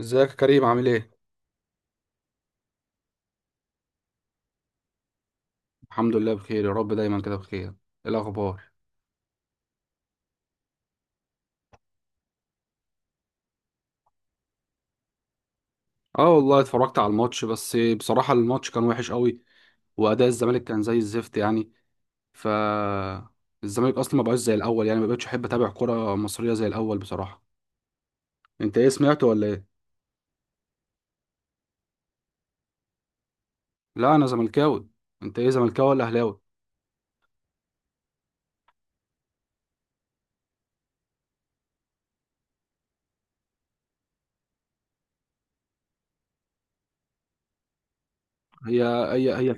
ازيك يا كريم؟ عامل ايه؟ الحمد لله، بخير يا رب. دايما كده بخير. ايه الاخبار؟ اه والله اتفرجت على الماتش، بس بصراحة الماتش كان وحش قوي واداء الزمالك كان زي الزفت يعني. ف الزمالك اصلا ما بقاش زي الاول، يعني ما بقتش احب اتابع كرة مصرية زي الاول بصراحة. انت ايه، سمعت ولا ايه؟ لا انا زملكاوي. انت ايه، زملكاوي ولا اهلاوي؟ هي هي.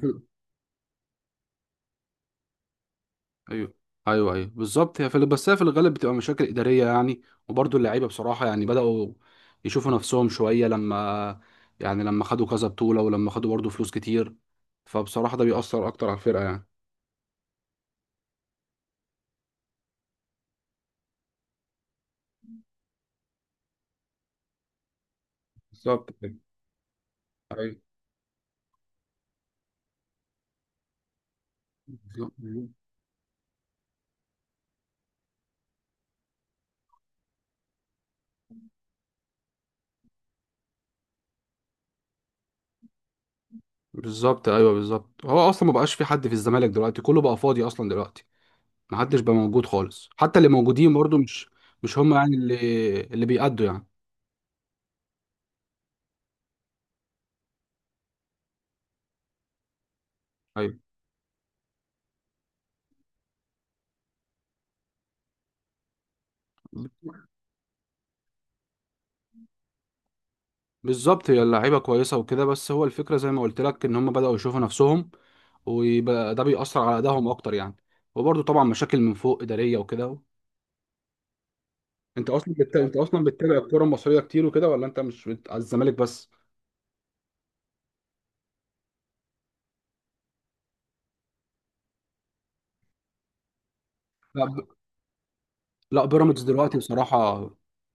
ايوه، ايوه، ايوه، بالظبط. بس هي في الغالب بتبقى مشاكل اداريه يعني. وبرضه اللعيبه بصراحه يعني بداوا يشوفوا نفسهم شويه لما، يعني لما خدوا كذا بطوله ولما خدوا برضه فلوس كتير، فبصراحه ده بيأثر اكتر على الفرقه يعني. بالظبط كده، ايوه بالظبط. بالظبط، ايوه بالظبط، هو اصلا ما بقاش في حد في الزمالك دلوقتي، كله بقى فاضي اصلا دلوقتي. ما حدش بقى موجود خالص، حتى اللي موجودين برضه مش، مش هم يعني اللي بيأدوا يعني. ايوه بالظبط، هي اللعيبه كويسه وكده، بس هو الفكره زي ما قلت لك ان هم بداوا يشوفوا نفسهم، ويبقى ده بيأثر على ادائهم اكتر يعني. وبرده طبعا مشاكل من فوق اداريه وكده. انت اصلا بتتابع الكوره المصريه كتير وكده، ولا انت مش على الزمالك بس؟ لا ب... لا، بيراميدز دلوقتي بصراحه،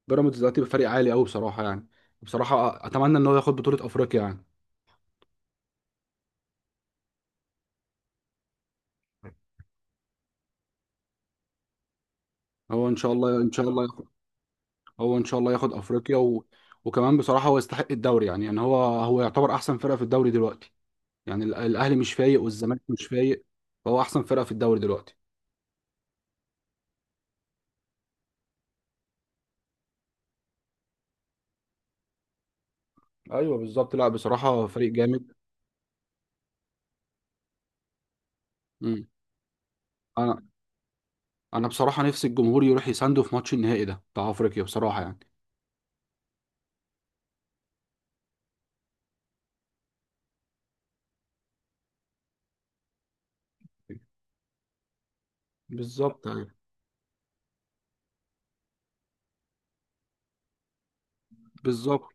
بيراميدز دلوقتي بفريق عالي قوي بصراحه يعني. بصراحه اتمنى ان هو ياخد بطوله افريقيا يعني. هو ان شاء الله ان شاء الله ياخد... هو ان شاء الله ياخد افريقيا، وكمان بصراحه هو يستحق الدوري يعني. يعني هو يعتبر احسن فرقه في الدوري دلوقتي. يعني الاهلي مش فايق والزمالك مش فايق، فهو احسن فرقه في الدوري دلوقتي. ايوه بالظبط، لا بصراحه فريق جامد. مم. انا انا بصراحه نفسي الجمهور يروح يسانده في ماتش النهائي ده بتاع افريقيا بصراحه يعني. بالظبط ايوه، بالظبط،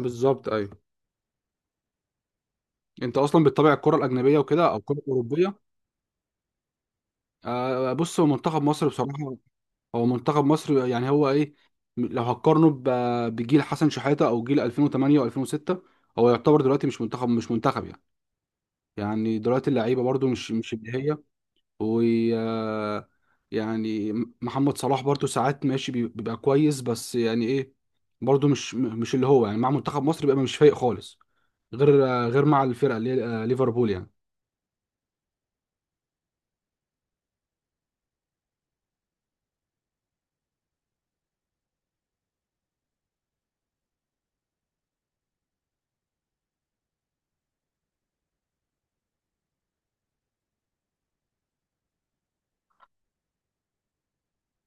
بالظبط ايوه. انت اصلا بتتابع الكره الاجنبيه وكده، او الكره الاوروبيه؟ بص، هو منتخب مصر بصراحه، هو منتخب مصر يعني هو ايه، لو هتقارنه بجيل حسن شحاته او جيل 2008 و2006، هو يعتبر دلوقتي مش منتخب، مش منتخب يعني. يعني دلوقتي اللعيبه برضو مش اللي هي، و يعني محمد صلاح برضو ساعات ماشي بيبقى كويس بس يعني ايه، برضو مش اللي هو يعني. مع منتخب مصر بيبقى مش فايق خالص، غير مع الفرقه اللي هي ليفربول يعني.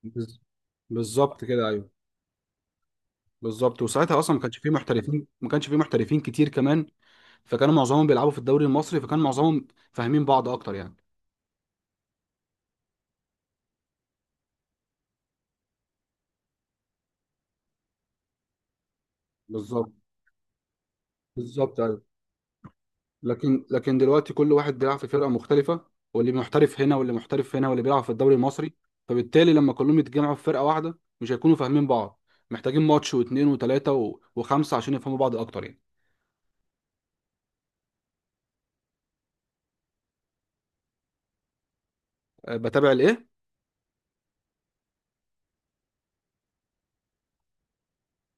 بز- بالظبط كده، ايوه بالظبط. وساعتها اصلا ما كانش فيه محترفين، ما كانش فيه محترفين كتير كمان، فكانوا معظمهم بيلعبوا في الدوري المصري، فكان معظمهم فاهمين بعض اكتر يعني. بالظبط، بالظبط. لكن دلوقتي كل واحد بيلعب في فرقه مختلفه، واللي محترف هنا واللي محترف هنا واللي بيلعب في الدوري المصري، فبالتالي لما كلهم يتجمعوا في فرقه واحده مش هيكونوا فاهمين بعض. محتاجين ماتش واثنين وثلاثه وخمسه عشان يفهموا بعض اكتر يعني. بتابع الايه؟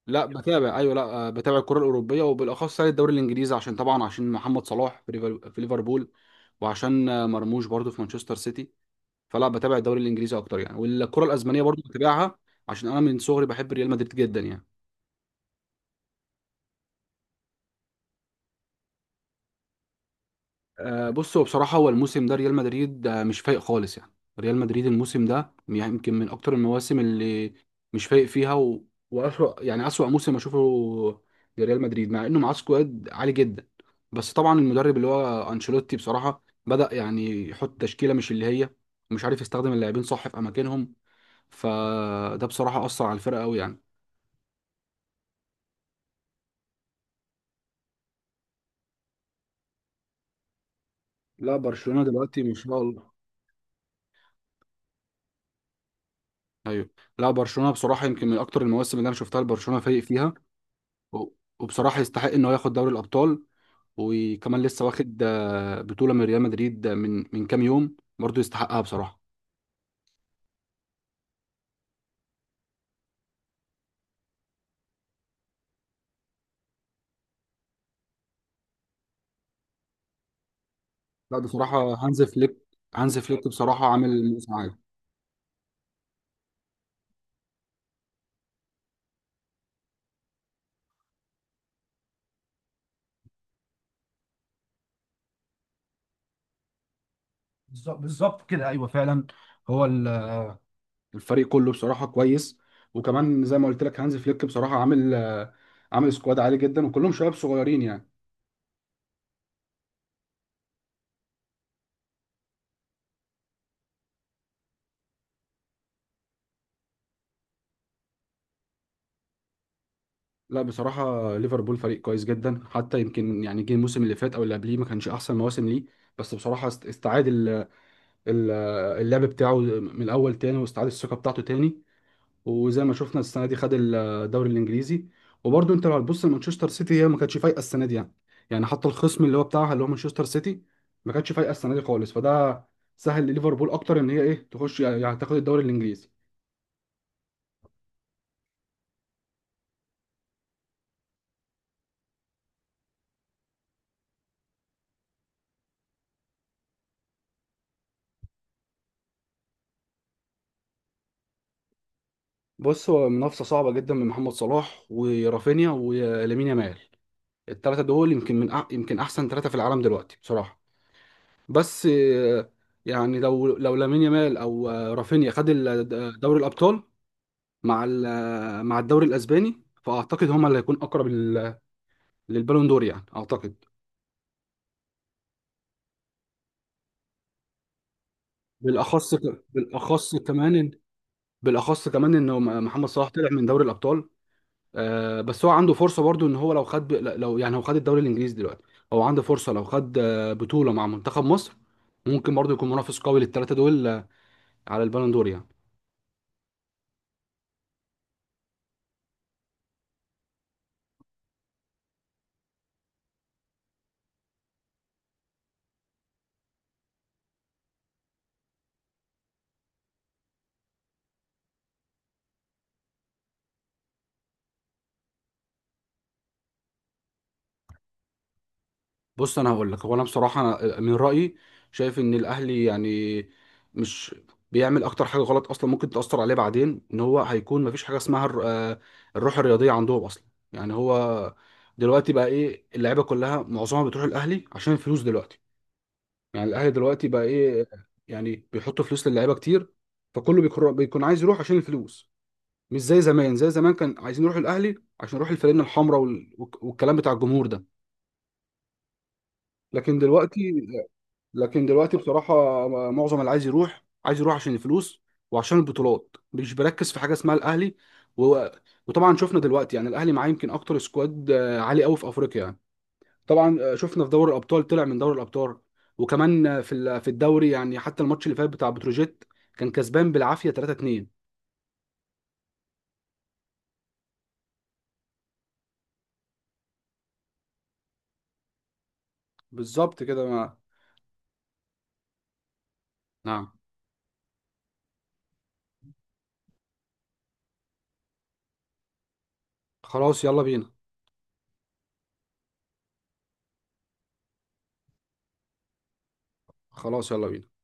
لا بتابع، ايوه، لا. بتابع الكره الاوروبيه وبالاخص يعني الدوري الانجليزي، عشان طبعا عشان محمد صلاح في في ليفربول، وعشان مرموش برضو في مانشستر سيتي. فلا، بتابع الدوري الانجليزي اكتر يعني، والكره الاسبانيه برضو بتابعها، عشان انا من صغري بحب ريال مدريد جدا يعني. بص هو بصراحة، هو الموسم ده ريال مدريد مش فايق خالص يعني. ريال مدريد الموسم ده يعني يمكن من أكتر المواسم اللي مش فايق فيها، وأسوأ يعني، أسوأ موسم أشوفه لريال مدريد، مع إنه معاه سكواد عالي جدا. بس طبعا المدرب اللي هو أنشيلوتي بصراحة بدأ يعني يحط تشكيلة مش اللي هي، مش عارف يستخدم اللاعبين صح في أماكنهم، فده بصراحة أثر على الفرقة أوي يعني. لا برشلونة دلوقتي ما شاء الله، ايوه. لا برشلونه بصراحه يمكن من اكتر المواسم اللي انا شفتها لبرشلونه فايق فيها، و- وبصراحة يستحق إن هو ياخد دوري الأبطال. وكمان لسه واخد بطولة من ريال مدريد، من كام يوم برضه، يستحقها بصراحة. لا بصراحة هانز فليك، هانز فليك بصراحة عامل موسم عالي. بالظبط، بالظبط كده، ايوه فعلا. هو ال... الفريق كله بصراحة كويس. وكمان زي ما قلت لك، هانز فليك بصراحة عامل عامل سكواد عالي جدا، وكلهم شباب صغيرين يعني. لا بصراحة ليفربول فريق كويس جدا، حتى يمكن يعني جه الموسم اللي فات أو اللي قبليه ما كانش أحسن مواسم ليه، بس بصراحة استعاد ال- اللعب بتاعه من الاول تاني، واستعاد الثقه بتاعته تاني، وزي ما شفنا السنه دي خد الدوري الانجليزي. وبرده انت لو هتبص لمانشستر سيتي هي ما كانتش فايقه السنه دي يعني، يعني حتى الخصم اللي هو بتاعها، اللي هو مانشستر سيتي، ما كانتش فايقه السنه دي خالص، فده سهل لليفربول اكتر ان هي ايه تخش يعني، تاخد الدوري الانجليزي. بص هو منافسه صعبه جدا من محمد صلاح ورافينيا ولامين يامال، الثلاثه دول يمكن من أح يمكن احسن ثلاثه في العالم دلوقتي بصراحه. بس يعني لو لامين يامال او رافينيا خد دوري الابطال، مع مع الدوري الاسباني، فاعتقد هما اللي هيكون اقرب للبالون دور يعني، اعتقد. بالاخص ك- بالاخص كمان إن- بالاخص كمان انه محمد صلاح طلع من دوري الابطال. بس هو عنده فرصه برضو ان هو لو خد لو يعني هو خد الدوري الانجليزي دلوقتي، هو عنده فرصه لو خد بطوله مع منتخب مصر، ممكن برضو يكون منافس قوي للثلاثه دول على البالون دور يعني. بص انا هقول لك، هو انا بصراحه، أنا من رايي شايف ان الاهلي يعني مش بيعمل اكتر حاجه غلط اصلا، ممكن تاثر عليه بعدين، ان هو هيكون مفيش حاجه اسمها الروح الرياضيه عندهم اصلا. يعني هو دلوقتي بقى ايه، اللعيبه كلها معظمها بتروح الاهلي عشان الفلوس دلوقتي. يعني الاهلي دلوقتي بقى ايه، يعني بيحط فلوس للعيبه كتير، فكله بيكون عايز يروح عشان الفلوس. مش زي زمان، زي زمان كان عايزين يروحوا الاهلي عشان يروحوا الفانلة الحمراء والكلام بتاع الجمهور ده، لكن دلوقتي، لكن دلوقتي بصراحة معظم اللي عايز يروح، عايز يروح عشان الفلوس وعشان البطولات، مش بركز في حاجة اسمها الأهلي، و... وطبعا شفنا دلوقتي يعني الأهلي معاه يمكن أكتر سكواد عالي قوي في أفريقيا يعني. طبعا شفنا في دوري الأبطال طلع من دوري الأبطال، وكمان في في الدوري يعني، حتى الماتش اللي فات بتاع بتروجيت كان كسبان بالعافية 3-2. بالظبط كده. ما... نعم، خلاص يلا بينا. خلاص يلا بينا.